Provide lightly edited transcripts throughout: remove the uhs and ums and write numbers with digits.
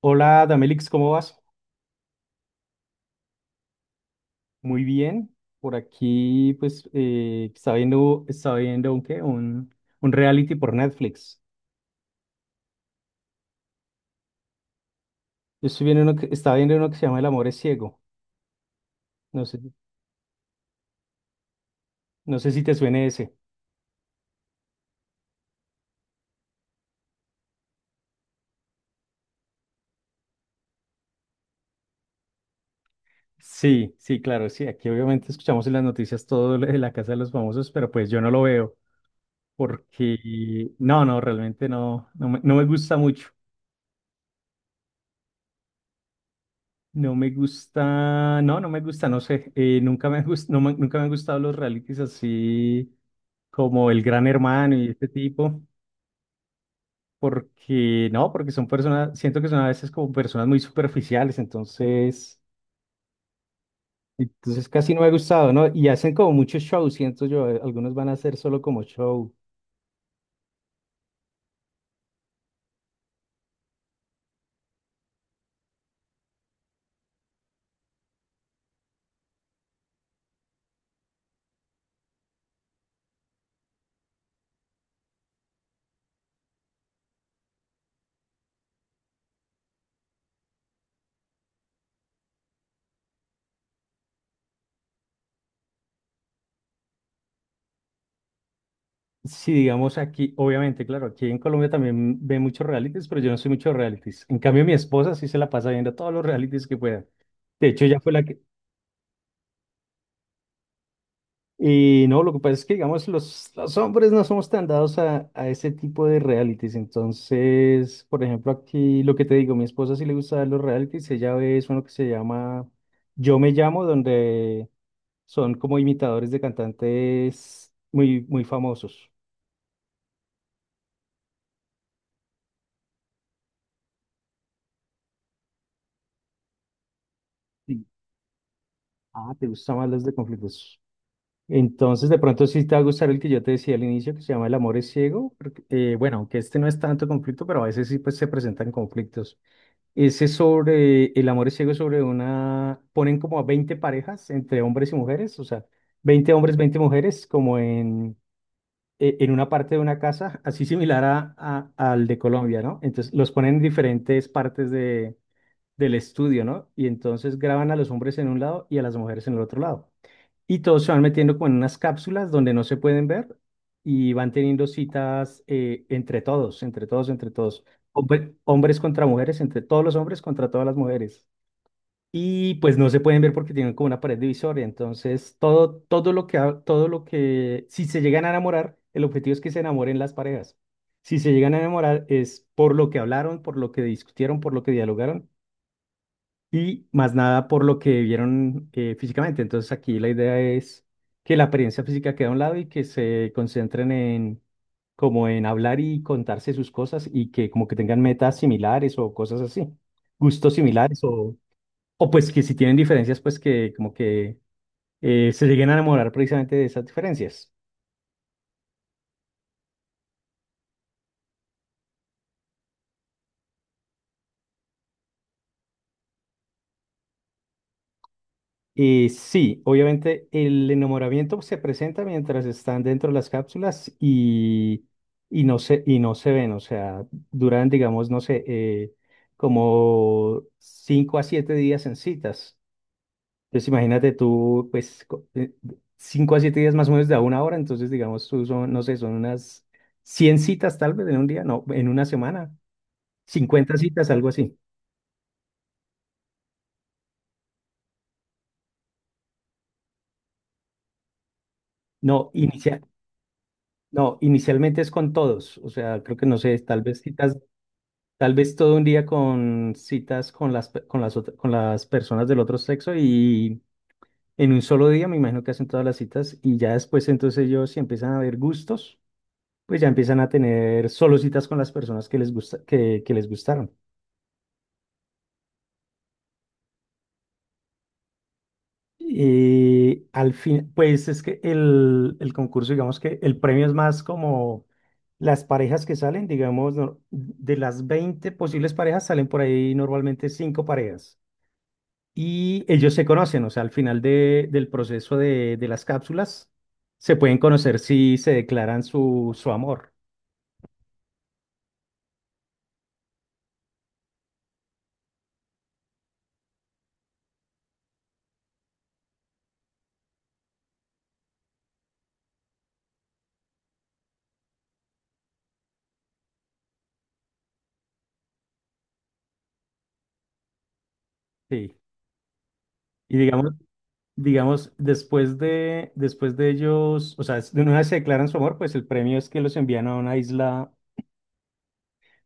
Hola, Damelix, ¿cómo vas? Muy bien. Por aquí, pues, estaba viendo un, ¿qué? Un reality por Netflix. Yo estoy viendo uno estaba viendo uno que se llama El amor es ciego. No sé, no sé si te suene ese. Sí, sí, claro, sí. Aquí obviamente escuchamos en las noticias todo lo de la Casa de los Famosos, pero pues yo no lo veo porque, no, no, realmente no, no me gusta mucho. No me gusta, no, no me gusta, no sé. Nunca me gust, nunca me han gustado los realities así como el gran hermano y este tipo, porque no, porque son personas, siento que son a veces como personas muy superficiales, entonces, entonces casi no me ha gustado, ¿no? Y hacen como muchos shows, siento yo, algunos van a hacer solo como show. Sí, digamos aquí, obviamente, claro, aquí en Colombia también ve muchos realities, pero yo no soy mucho de realities. En cambio, mi esposa sí se la pasa viendo todos los realities que pueda. De hecho, ya fue la que, y no, lo que pasa es que, digamos, los hombres no somos tan dados a ese tipo de realities. Entonces, por ejemplo, aquí lo que te digo, mi esposa sí le gusta ver los realities. Ella ve es uno que se llama Yo me llamo, donde son como imitadores de cantantes muy, muy famosos. Sí. Ah, te gustan más los de conflictos. Entonces, de pronto sí te va a gustar el que yo te decía al inicio, que se llama El amor es ciego. Porque, bueno, aunque este no es tanto conflicto, pero a veces sí pues, se presentan conflictos. Ese es sobre el amor es ciego, es sobre una. Ponen como a 20 parejas entre hombres y mujeres, o sea, 20 hombres, 20 mujeres, como en, en una parte de una casa, así similar a, al de Colombia, ¿no? Entonces los ponen en diferentes partes de, del estudio, ¿no? Y entonces graban a los hombres en un lado y a las mujeres en el otro lado. Y todos se van metiendo como en unas cápsulas donde no se pueden ver y van teniendo citas entre todos, entre todos, entre todos. Hombres contra mujeres, entre todos los hombres contra todas las mujeres. Y pues no se pueden ver porque tienen como una pared divisoria. Entonces, todo, todo lo que, si se llegan a enamorar, el objetivo es que se enamoren las parejas. Si se llegan a enamorar es por lo que hablaron, por lo que discutieron, por lo que dialogaron y más nada por lo que vieron físicamente. Entonces aquí la idea es que la apariencia física quede a un lado y que se concentren en como en hablar y contarse sus cosas y que como que tengan metas similares o cosas así, gustos similares o pues que si tienen diferencias pues que como que se lleguen a enamorar precisamente de esas diferencias. Sí, obviamente el enamoramiento se presenta mientras están dentro de las cápsulas y no se ven, o sea, duran, digamos, no sé, como 5 a 7 días en citas. Entonces imagínate tú, pues, cinco a siete días más o menos de a una hora, entonces digamos, tú son, no sé, son unas 100 citas tal vez en un día, no, en una semana, 50 citas, algo así. No, inicial. No, inicialmente es con todos, o sea, creo que no sé, tal vez citas. Tal vez todo un día con citas con las, con las personas del otro sexo y en un solo día me imagino que hacen todas las citas y ya después entonces ellos si empiezan a ver gustos, pues ya empiezan a tener solo citas con las personas que les gusta, que les gustaron. Y al fin, pues es que el concurso, digamos que el premio es más como las parejas que salen, digamos, de las 20 posibles parejas salen por ahí normalmente cinco parejas. Y ellos se conocen, o sea, al final del proceso de las cápsulas, se pueden conocer si se declaran su amor. Sí. Y digamos, digamos, después de ellos, o sea, de una vez se declaran su amor, pues el premio es que los envían a una isla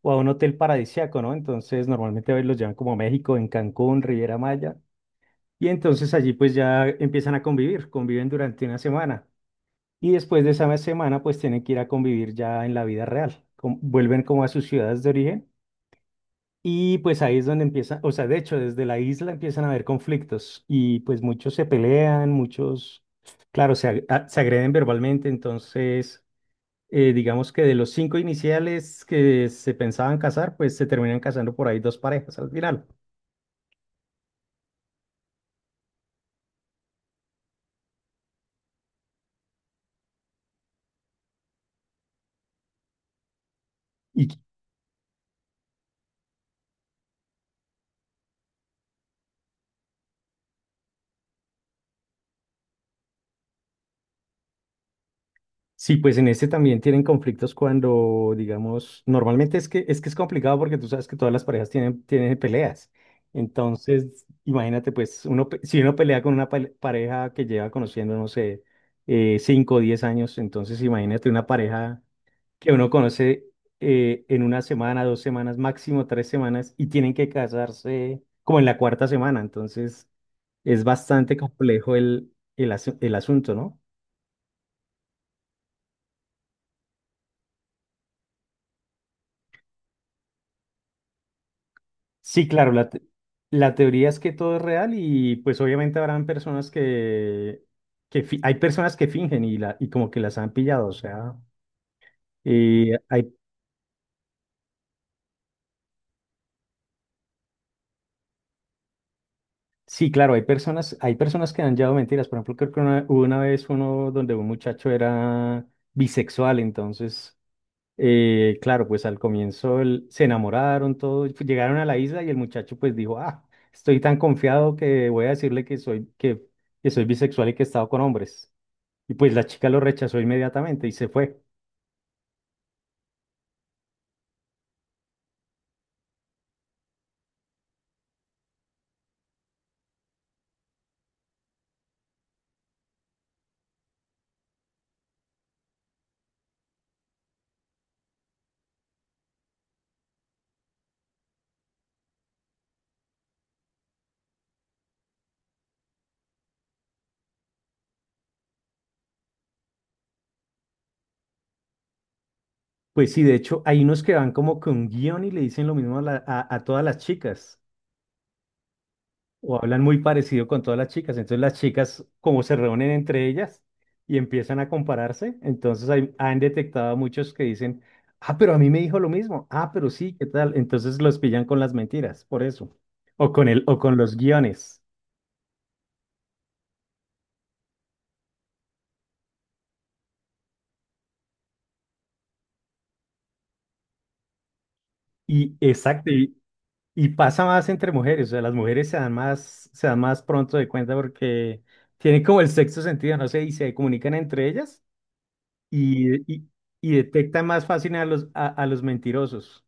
o a un hotel paradisíaco, ¿no? Entonces, normalmente a veces los llevan como a México, en Cancún, Riviera Maya. Y entonces allí pues ya empiezan a convivir, conviven durante una semana. Y después de esa semana, pues tienen que ir a convivir ya en la vida real. Vuelven como a sus ciudades de origen. Y pues ahí es donde empiezan, o sea, de hecho, desde la isla empiezan a haber conflictos. Y pues muchos se pelean, muchos, claro, se agreden verbalmente. Entonces, digamos que de los cinco iniciales que se pensaban casar, pues se terminan casando por ahí dos parejas al final. Sí, pues en este también tienen conflictos cuando, digamos, normalmente es que es que es complicado porque tú sabes que todas las parejas tienen, tienen peleas. Entonces, imagínate, pues, uno, si uno pelea con una pareja que lleva conociendo, no sé, 5 o 10 años, entonces imagínate una pareja que uno conoce en una semana, dos semanas, máximo tres semanas, y tienen que casarse como en la cuarta semana. Entonces, es bastante complejo el asunto, ¿no? Sí, claro, la, la teoría es que todo es real y pues obviamente habrán personas que, hay personas que fingen y como que las han pillado, o sea, y hay, sí, claro, hay personas que han llevado mentiras, por ejemplo, creo que una, hubo una vez uno donde un muchacho era bisexual, entonces, claro, pues al comienzo se enamoraron, todo, y llegaron a la isla y el muchacho pues dijo, ah, estoy tan confiado que voy a decirle que soy bisexual y que he estado con hombres. Y pues la chica lo rechazó inmediatamente y se fue. Pues sí, de hecho, hay unos que van como con guión y le dicen lo mismo a, a todas las chicas, o hablan muy parecido con todas las chicas. Entonces las chicas como se reúnen entre ellas y empiezan a compararse, entonces han detectado a muchos que dicen, ah, pero a mí me dijo lo mismo, ah, pero sí, ¿qué tal? Entonces los pillan con las mentiras, por eso, o con los guiones. Y exacto, y pasa más entre mujeres, o sea, las mujeres se dan más pronto de cuenta porque tienen como el sexto sentido, no sé, y se comunican entre ellas y, y, y detectan más fácil a los mentirosos.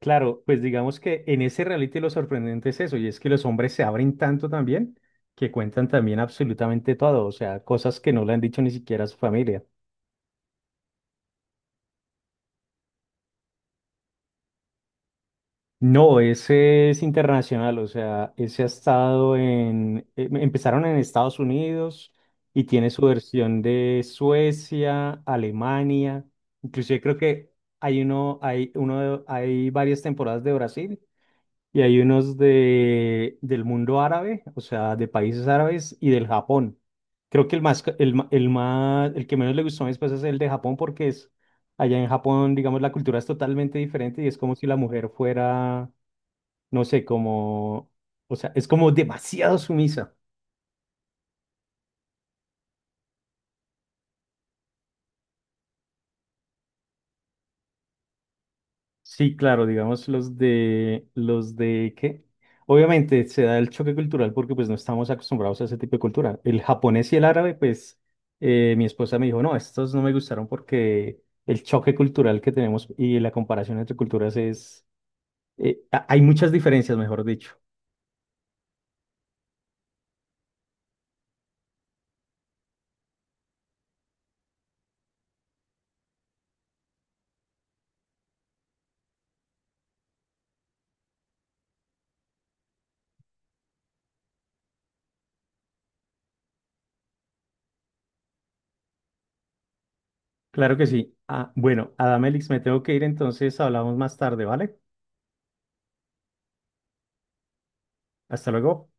Claro, pues digamos que en ese reality lo sorprendente es eso, y es que los hombres se abren tanto también que cuentan también absolutamente todo, o sea, cosas que no le han dicho ni siquiera a su familia. No, ese es internacional, o sea, ese ha estado en, empezaron en Estados Unidos y tiene su versión de Suecia, Alemania, inclusive creo que hay uno, hay uno, hay varias temporadas de Brasil y hay unos de, del mundo árabe, o sea, de países árabes y del Japón. Creo que el más, el más, el que menos le gustó a mis pues es el de Japón porque es, allá en Japón, digamos, la cultura es totalmente diferente y es como si la mujer fuera no sé, como, o sea, es como demasiado sumisa. Sí, claro, digamos obviamente se da el choque cultural porque pues no estamos acostumbrados a ese tipo de cultura. El japonés y el árabe, pues mi esposa me dijo, no, estos no me gustaron porque el choque cultural que tenemos y la comparación entre culturas es, hay muchas diferencias, mejor dicho. Claro que sí. Ah, bueno, Adamelix, me tengo que ir, entonces hablamos más tarde, ¿vale? Hasta luego.